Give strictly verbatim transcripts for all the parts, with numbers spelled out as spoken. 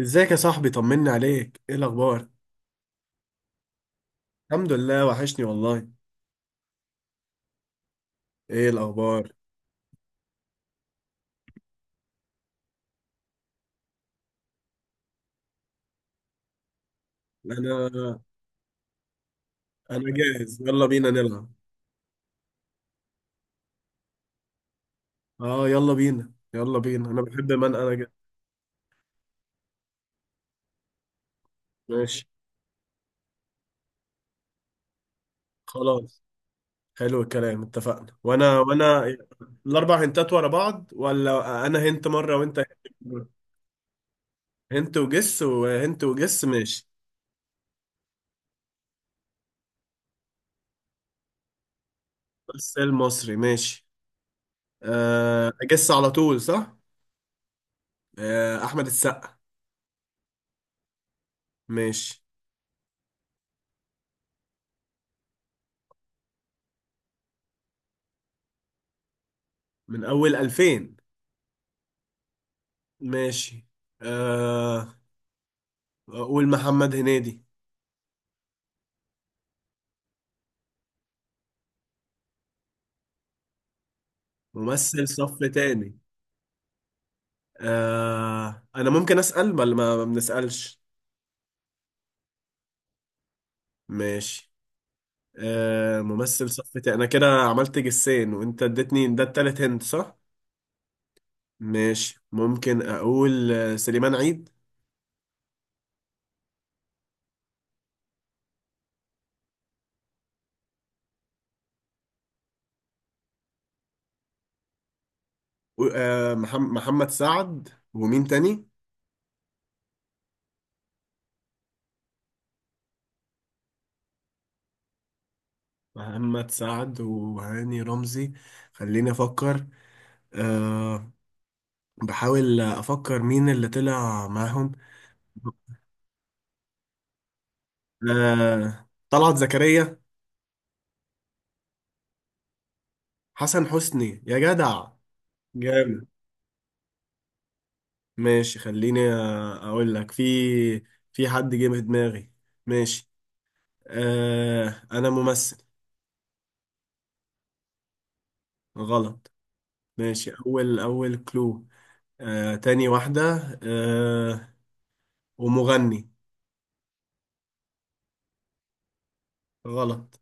ازيك يا صاحبي، طمني عليك، ايه الاخبار؟ الحمد لله، وحشني والله. ايه الاخبار؟ انا انا جاهز، يلا بينا نلعب. اه، يلا بينا يلا بينا، انا بحب، من انا جاهز. ماشي، خلاص، حلو الكلام، اتفقنا، وانا وانا الاربع هنتات ورا بعض ولا انا هنت مره وانت هنت؟ مرة؟ هنت وجس وهنت وجس، ماشي. بس المصري، ماشي. أه، اجس على طول، صح؟ أه، احمد السقا. ماشي. من اول ألفين. ماشي. آه أقول محمد هنيدي. ممثل صف تاني. آه أنا ممكن أسأل ولا ما ما بنسألش؟ ماشي. آه ممثل صف تاني. أنا كده عملت جسين، وأنت اديتني ده التالت، هند صح؟ ماشي، ممكن أقول آه، سليمان عيد. و- آه محم- محمد سعد ومين تاني؟ محمد سعد وهاني رمزي. خليني أفكر. آه. بحاول أفكر مين اللي طلع معاهم. آه طلعت زكريا. حسن حسني، يا جدع! جامد! ماشي، خليني آه، اقول لك، في... في حد جه في دماغي. ماشي. آه انا ممثل. غلط. ماشي، اول اول كلو. آه تاني واحدة. آه. ومغني. غلط.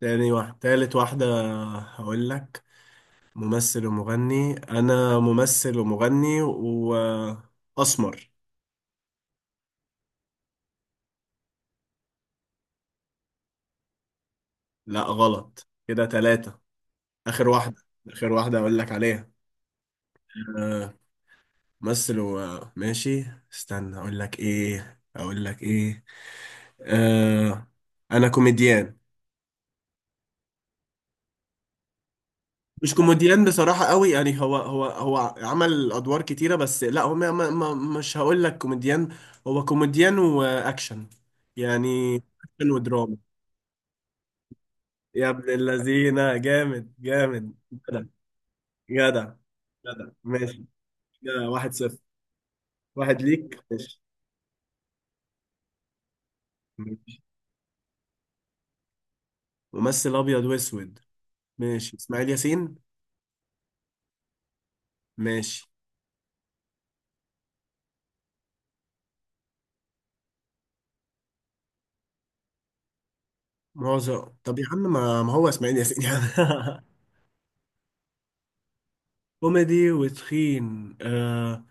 تاني واحدة، تالت واحدة. هقول لك. ممثل ومغني، انا ممثل ومغني. واسمر. لا غلط، كده تلاتة. اخر واحده. اخر واحده اقول لك عليها. آه. مثل، وماشي. استنى، اقول لك ايه اقول لك ايه. آه. انا كوميديان. مش كوميديان بصراحه قوي، يعني هو هو هو عمل ادوار كتيره، بس لا، هو ما ما ما مش هقول لك كوميديان. هو كوميديان واكشن. يعني اكشن ودراما. يا ابن اللذينه، جامد جامد، جدع! جدع! جدع، ماشي. كده واحد صفر. واحد ليك، ماشي. ماشي. ممثل ابيض واسود. ماشي، اسماعيل ياسين. ماشي. معظم؟ طب يا عم، ما, ما هو اسماعيل ياسين يعني. كوميدي وتخين، آه.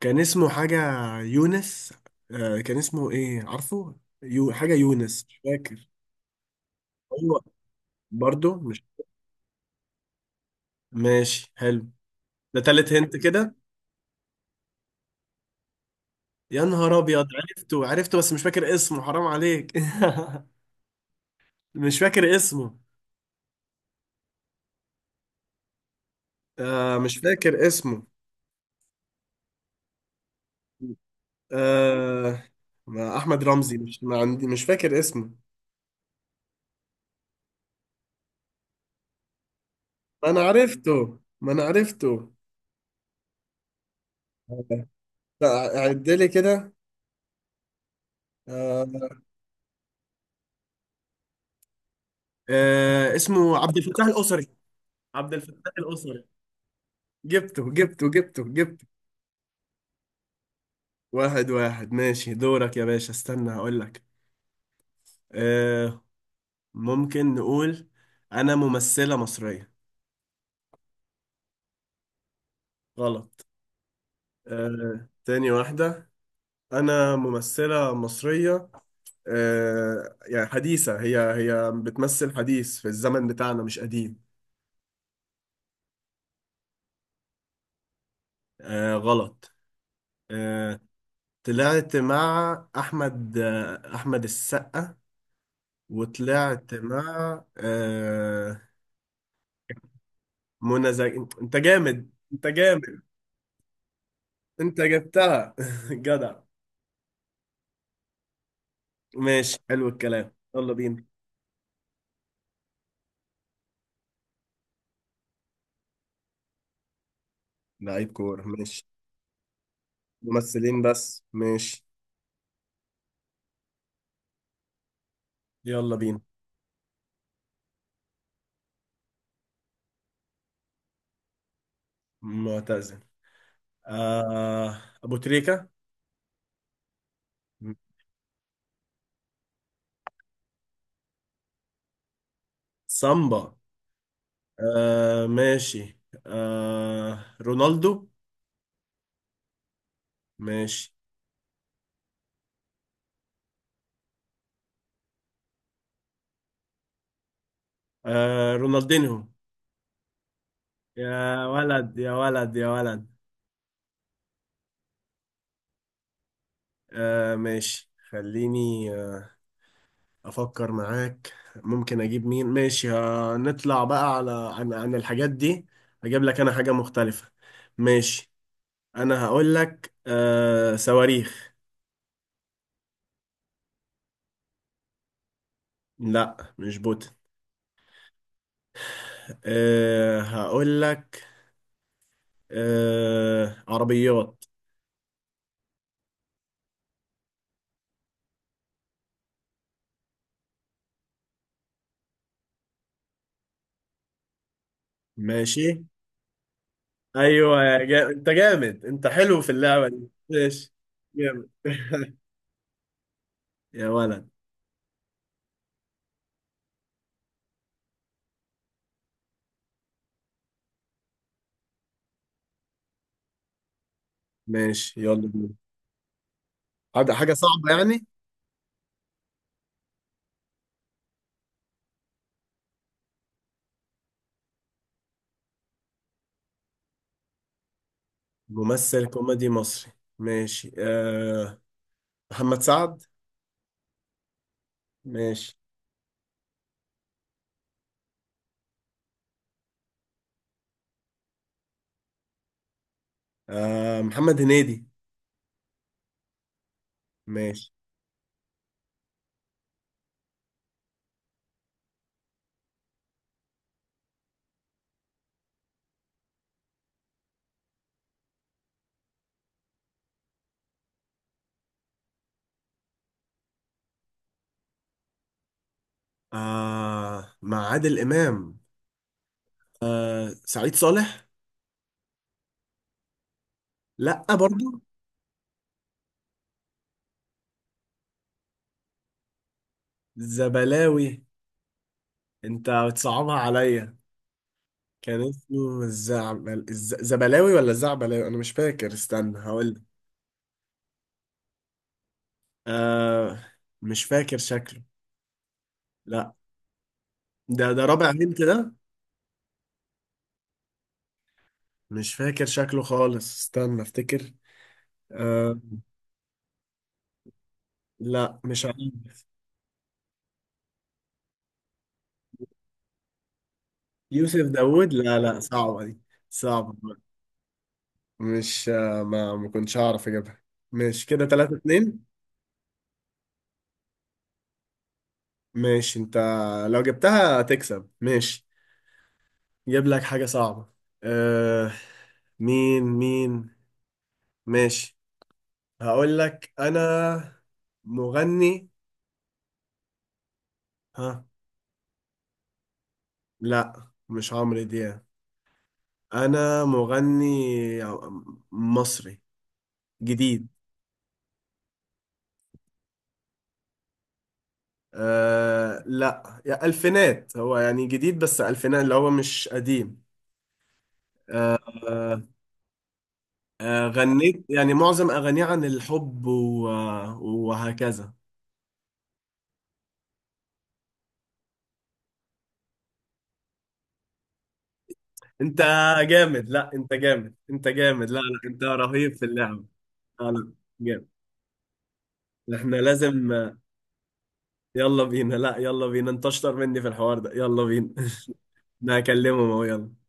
كان اسمه حاجة يونس. آه كان اسمه ايه، عارفه؟ يو حاجة يونس، مش فاكر. هو برضو مش. ماشي، حلو. ده تالت هنت كده. يا نهار ابيض! عرفته عرفته، بس مش فاكر اسمه، حرام عليك. مش فاكر اسمه. آه مش فاكر اسمه. آه ما احمد رمزي، مش، ما عندي، مش فاكر اسمه. ما انا عرفته، ما انا عرفته. لا. عد لي كده. آه. آه اسمه عبد الفتاح الأسري. عبد الفتاح الأسري. جبته جبته جبته جبته! واحد واحد، ماشي، دورك يا باشا، استنى هقول لك. آه. ممكن نقول، انا ممثلة مصرية. غلط. آه تاني واحدة. انا ممثلة مصرية. آه يعني حديثة، هي هي بتمثل حديث في الزمن بتاعنا، مش قديم. آه غلط. آه. طلعت مع احمد، احمد السقا. وطلعت مع آه، منى زكي! انت جامد انت جامد! انت جبتها! جدع! ماشي، حلو الكلام، يلا بينا. لعيب كورة، ماشي. ممثلين بس، ماشي. يلا بينا. معتزل. آه ابو تريكة. سامبا. آه ماشي. آه رونالدو. ماشي. آه رونالدينهو. يا ولد يا ولد يا ولد! آه ماشي، خليني، آه. أفكر معاك، ممكن أجيب مين، ماشي، آه نطلع بقى على عن, عن الحاجات دي. أجيب لك أنا حاجة مختلفة. ماشي. أنا هقول لك آه صواريخ. لا مش بوت. آه هقول لك. آه عربيات. ماشي. أيوة، يا جا... أنت جامد، أنت حلو في اللعبة دي، ماشي. جامد! يا ولد. ماشي. يلا بينا. حاجة حاجة صعبة يعني. ممثل كوميدي مصري. ماشي. آه محمد سعد. ماشي. آه محمد هنيدي. ماشي. آه مع عادل إمام. آه سعيد صالح. لأ برضو. زبلاوي. أنت بتصعبها عليا! كان اسمه الزعبل الز... زبلاوي ولا الزعبلاوي، أنا مش فاكر، استنى هقول. آه مش فاكر شكله. لأ. ده ده رابع هنت ده. مش فاكر شكله خالص، استنى افتكر. آه. لا مش عارف. يوسف داوود؟ لا لا، صعبة دي. صعبة. مش. ما ما كنتش هعرف اجيبها. مش كده تلاتة اتنين؟ ماشي انت. لو جبتها تكسب، ماشي. جيب لك حاجة صعبة. أه. مين مين؟ ماشي. هقول لك انا، مغني. ها. لا مش عمرو دياب. انا مغني مصري جديد. آه لا، يا ألفينات، هو يعني جديد بس ألفينات، اللي هو مش قديم. آه. آه. آه، غنيت يعني معظم أغانيه عن الحب و- آه، وهكذا. أنت جامد! لا أنت جامد، أنت جامد! لا لا، أنت رهيب في اللعب! لا لا، جامد. احنا لازم آه، يلا بينا. لا يلا بينا، أنت أشطر مني في الحوار ده، يلا بينا. أنا هكلمهم أهو، يلا.